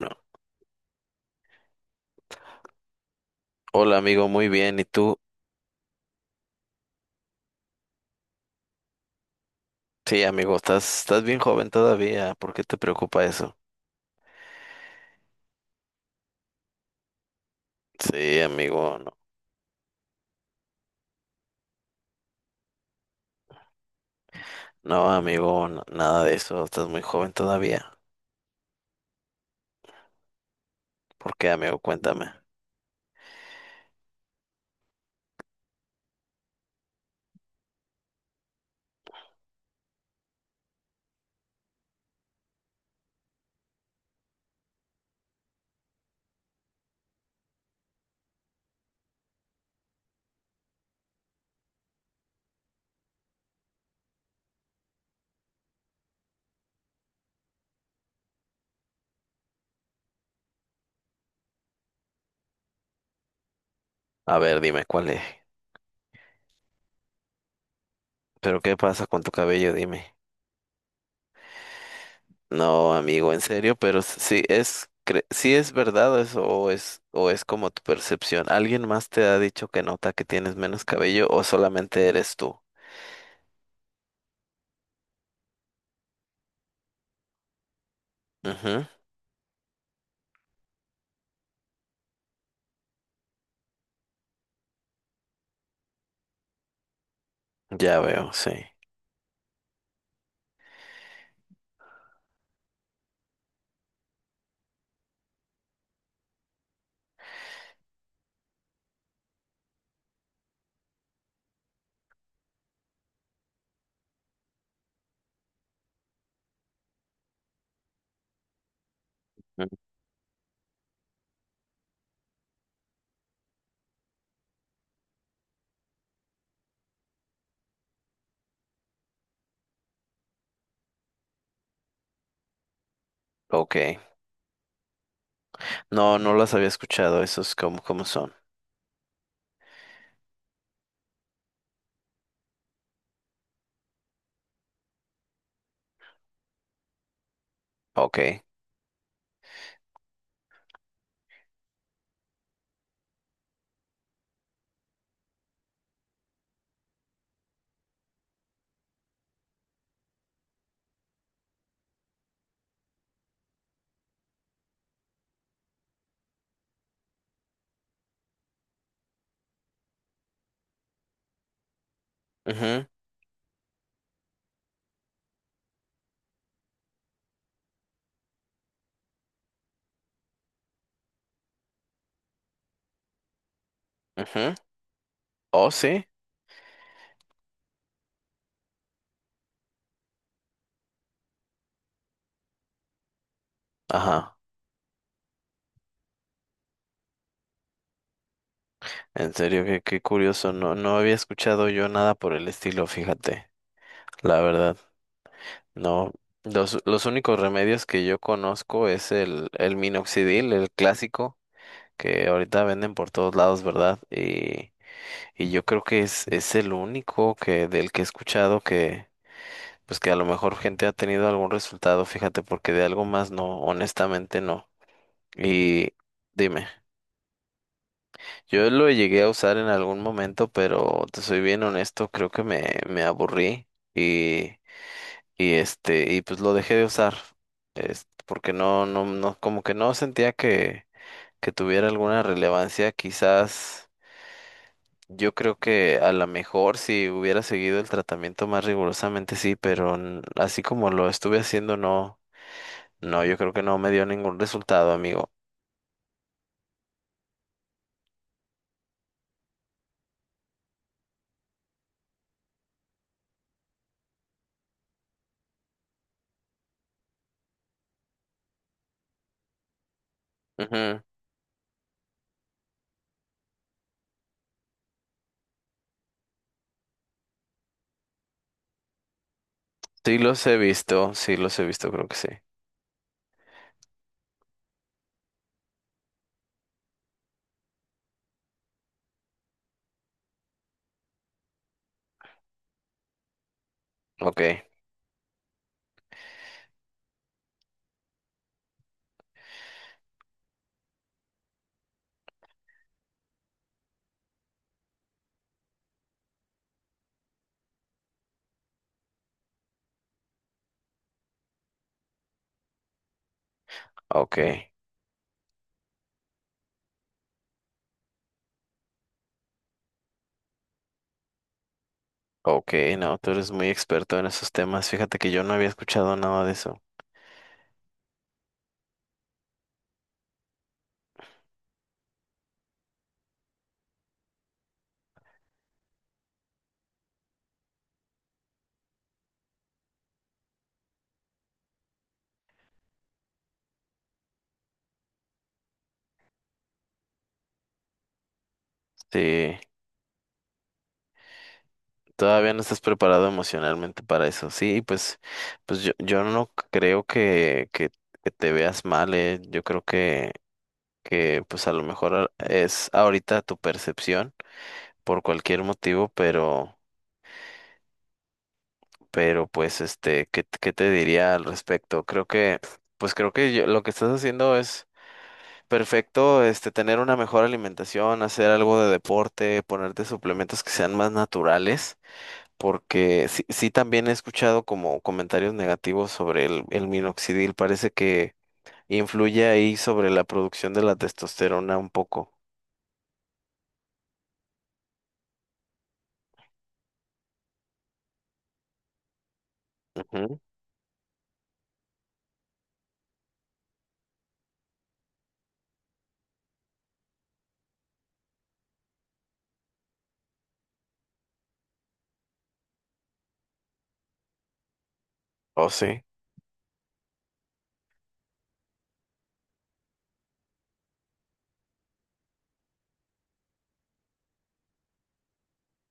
No. Hola amigo, muy bien. ¿Y tú? Sí, amigo, estás bien joven todavía. ¿Por qué te preocupa eso? Sí, amigo, no. No, amigo, nada de eso. Estás muy joven todavía. ¿Por qué, amigo? Cuéntame. A ver, dime cuál es. ¿Pero qué pasa con tu cabello? Dime. No, amigo, en serio, pero sí es verdad eso o es como tu percepción. ¿Alguien más te ha dicho que nota que tienes menos cabello o solamente eres tú? Ujú. Ya veo, sí. Mm. Ok. No, no las había escuchado. Esos como, como son. Ok. Ujú, ujú. Oh, sí. Ajá. En serio, qué curioso. No, no había escuchado yo nada por el estilo, fíjate. La verdad, no. Los únicos remedios que yo conozco es el minoxidil, el clásico, que ahorita venden por todos lados, ¿verdad? Y yo creo que es el único que, del que he escuchado que, pues que a lo mejor gente ha tenido algún resultado, fíjate, porque de algo más no, honestamente no. Y dime, yo lo llegué a usar en algún momento, pero te soy bien honesto, creo que me aburrí y, y y pues lo dejé de usar, es porque no, no, no, como que no sentía que tuviera alguna relevancia, quizás yo creo que a lo mejor si hubiera seguido el tratamiento más rigurosamente sí, pero así como lo estuve haciendo, no, no, yo creo que no me dio ningún resultado, amigo. Ujú. Sí los he visto, sí los he visto, creo que sí. Ok, ok, ok, no, tú eres muy experto en esos temas. Fíjate que yo no había escuchado nada de eso. Sí, todavía no estás preparado emocionalmente para eso. Sí, pues, pues yo no creo que te veas mal, eh. Yo creo que pues a lo mejor es ahorita tu percepción por cualquier motivo, pero pues este, ¿ qué te diría al respecto? Creo que, pues creo que lo que estás haciendo es perfecto, este, tener una mejor alimentación, hacer algo de deporte, ponerte suplementos que sean más naturales, porque sí, sí también he escuchado como comentarios negativos sobre el minoxidil, parece que influye ahí sobre la producción de la testosterona un poco. Ujú. Oh, sí.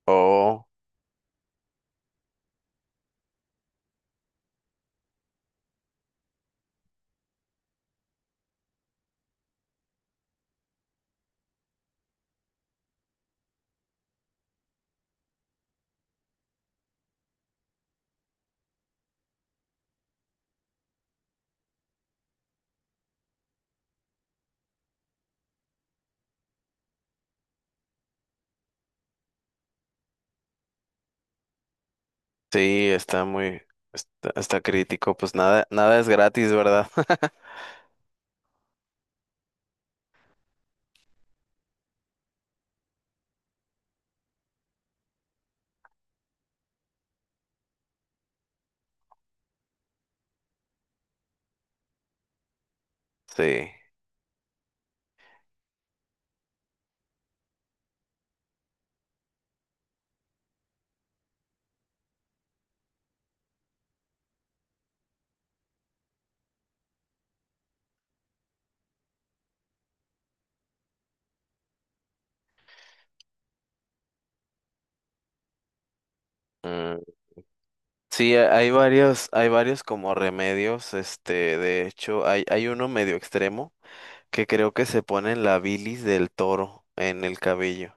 Oh, sí, está muy, está, está crítico, pues nada, nada es gratis, ¿verdad? Sí. Sí, hay varios como remedios, este, de hecho, hay uno medio extremo que creo que se pone en la bilis del toro en el cabello.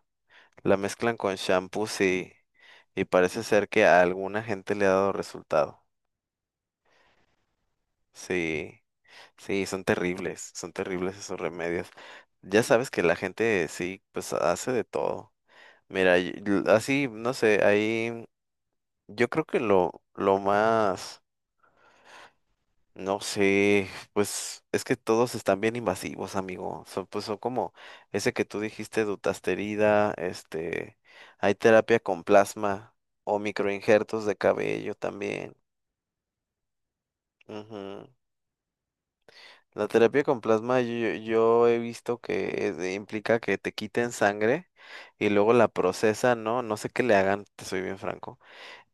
La mezclan con shampoos y parece ser que a alguna gente le ha dado resultado. Sí, sí, son terribles esos remedios. Ya sabes que la gente sí, pues hace de todo. Mira, así, no sé, ahí yo creo que lo más. No sé, pues es que todos están bien invasivos, amigo. Son, pues son como ese que tú dijiste, dutasterida, este, hay terapia con plasma o microinjertos de cabello también. Ujú. La terapia con plasma yo, yo he visto que es implica que te quiten sangre y luego la procesan, ¿no? No sé qué le hagan, te soy bien franco.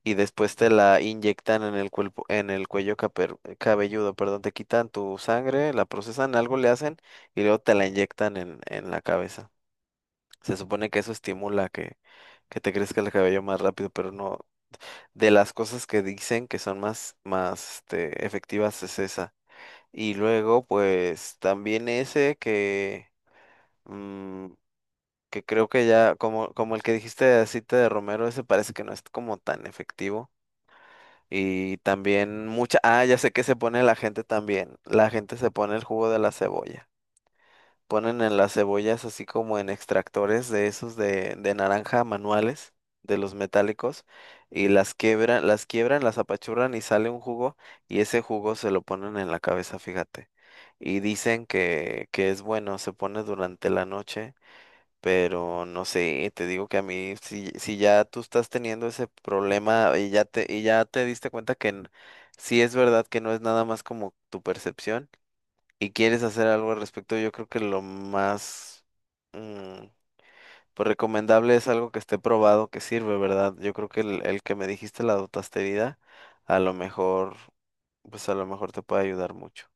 Y después te la inyectan en el cuerpo, en el cabelludo, perdón, te quitan tu sangre, la procesan, algo le hacen y luego te la inyectan en la cabeza. Se supone que eso estimula que te crezca el cabello más rápido, pero no. De las cosas que dicen que son más, más este, efectivas es esa. Y luego, pues, también ese que, mm, que creo que ya, como, como el que dijiste de aceite de romero, ese parece que no es como tan efectivo. Y también mucha... Ah, ya sé que se pone la gente también. La gente se pone el jugo de la cebolla. Ponen en las cebollas así como en extractores de esos de naranja manuales, de los metálicos, y las quiebran, las quiebran, las apachurran y sale un jugo y ese jugo se lo ponen en la cabeza, fíjate. Y dicen que es bueno, se pone durante la noche. Pero no sé, te digo que a mí, si, si ya tú estás teniendo ese problema y ya y ya te diste cuenta que sí es verdad que no es nada más como tu percepción y quieres hacer algo al respecto, yo creo que lo más mm, pues recomendable es algo que esté probado, que sirve, ¿verdad? Yo creo que el que me dijiste, la dotasterida, a lo mejor, pues a lo mejor te puede ayudar mucho.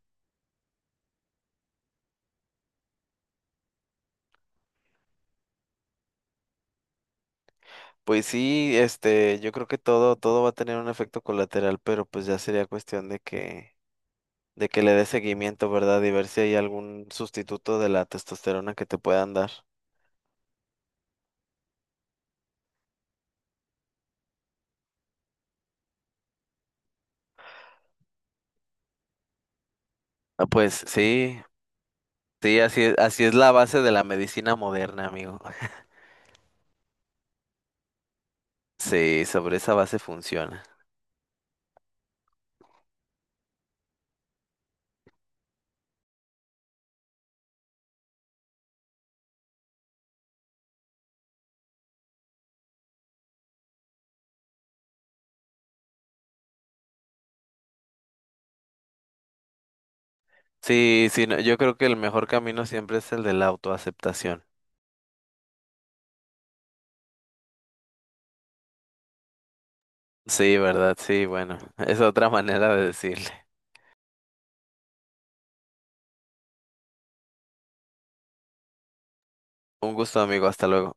Pues sí, este, yo creo que todo, todo va a tener un efecto colateral, pero pues ya sería cuestión de que le dé seguimiento, ¿verdad? Y ver si hay algún sustituto de la testosterona que te puedan dar. Ah, pues sí, sí, así es la base de la medicina moderna, amigo. Sí, sobre esa base funciona. Sí, sí, no, yo creo que el mejor camino siempre es el de la autoaceptación. Sí, ¿verdad? Sí, bueno, es otra manera de decirle. Un gusto, amigo, hasta luego.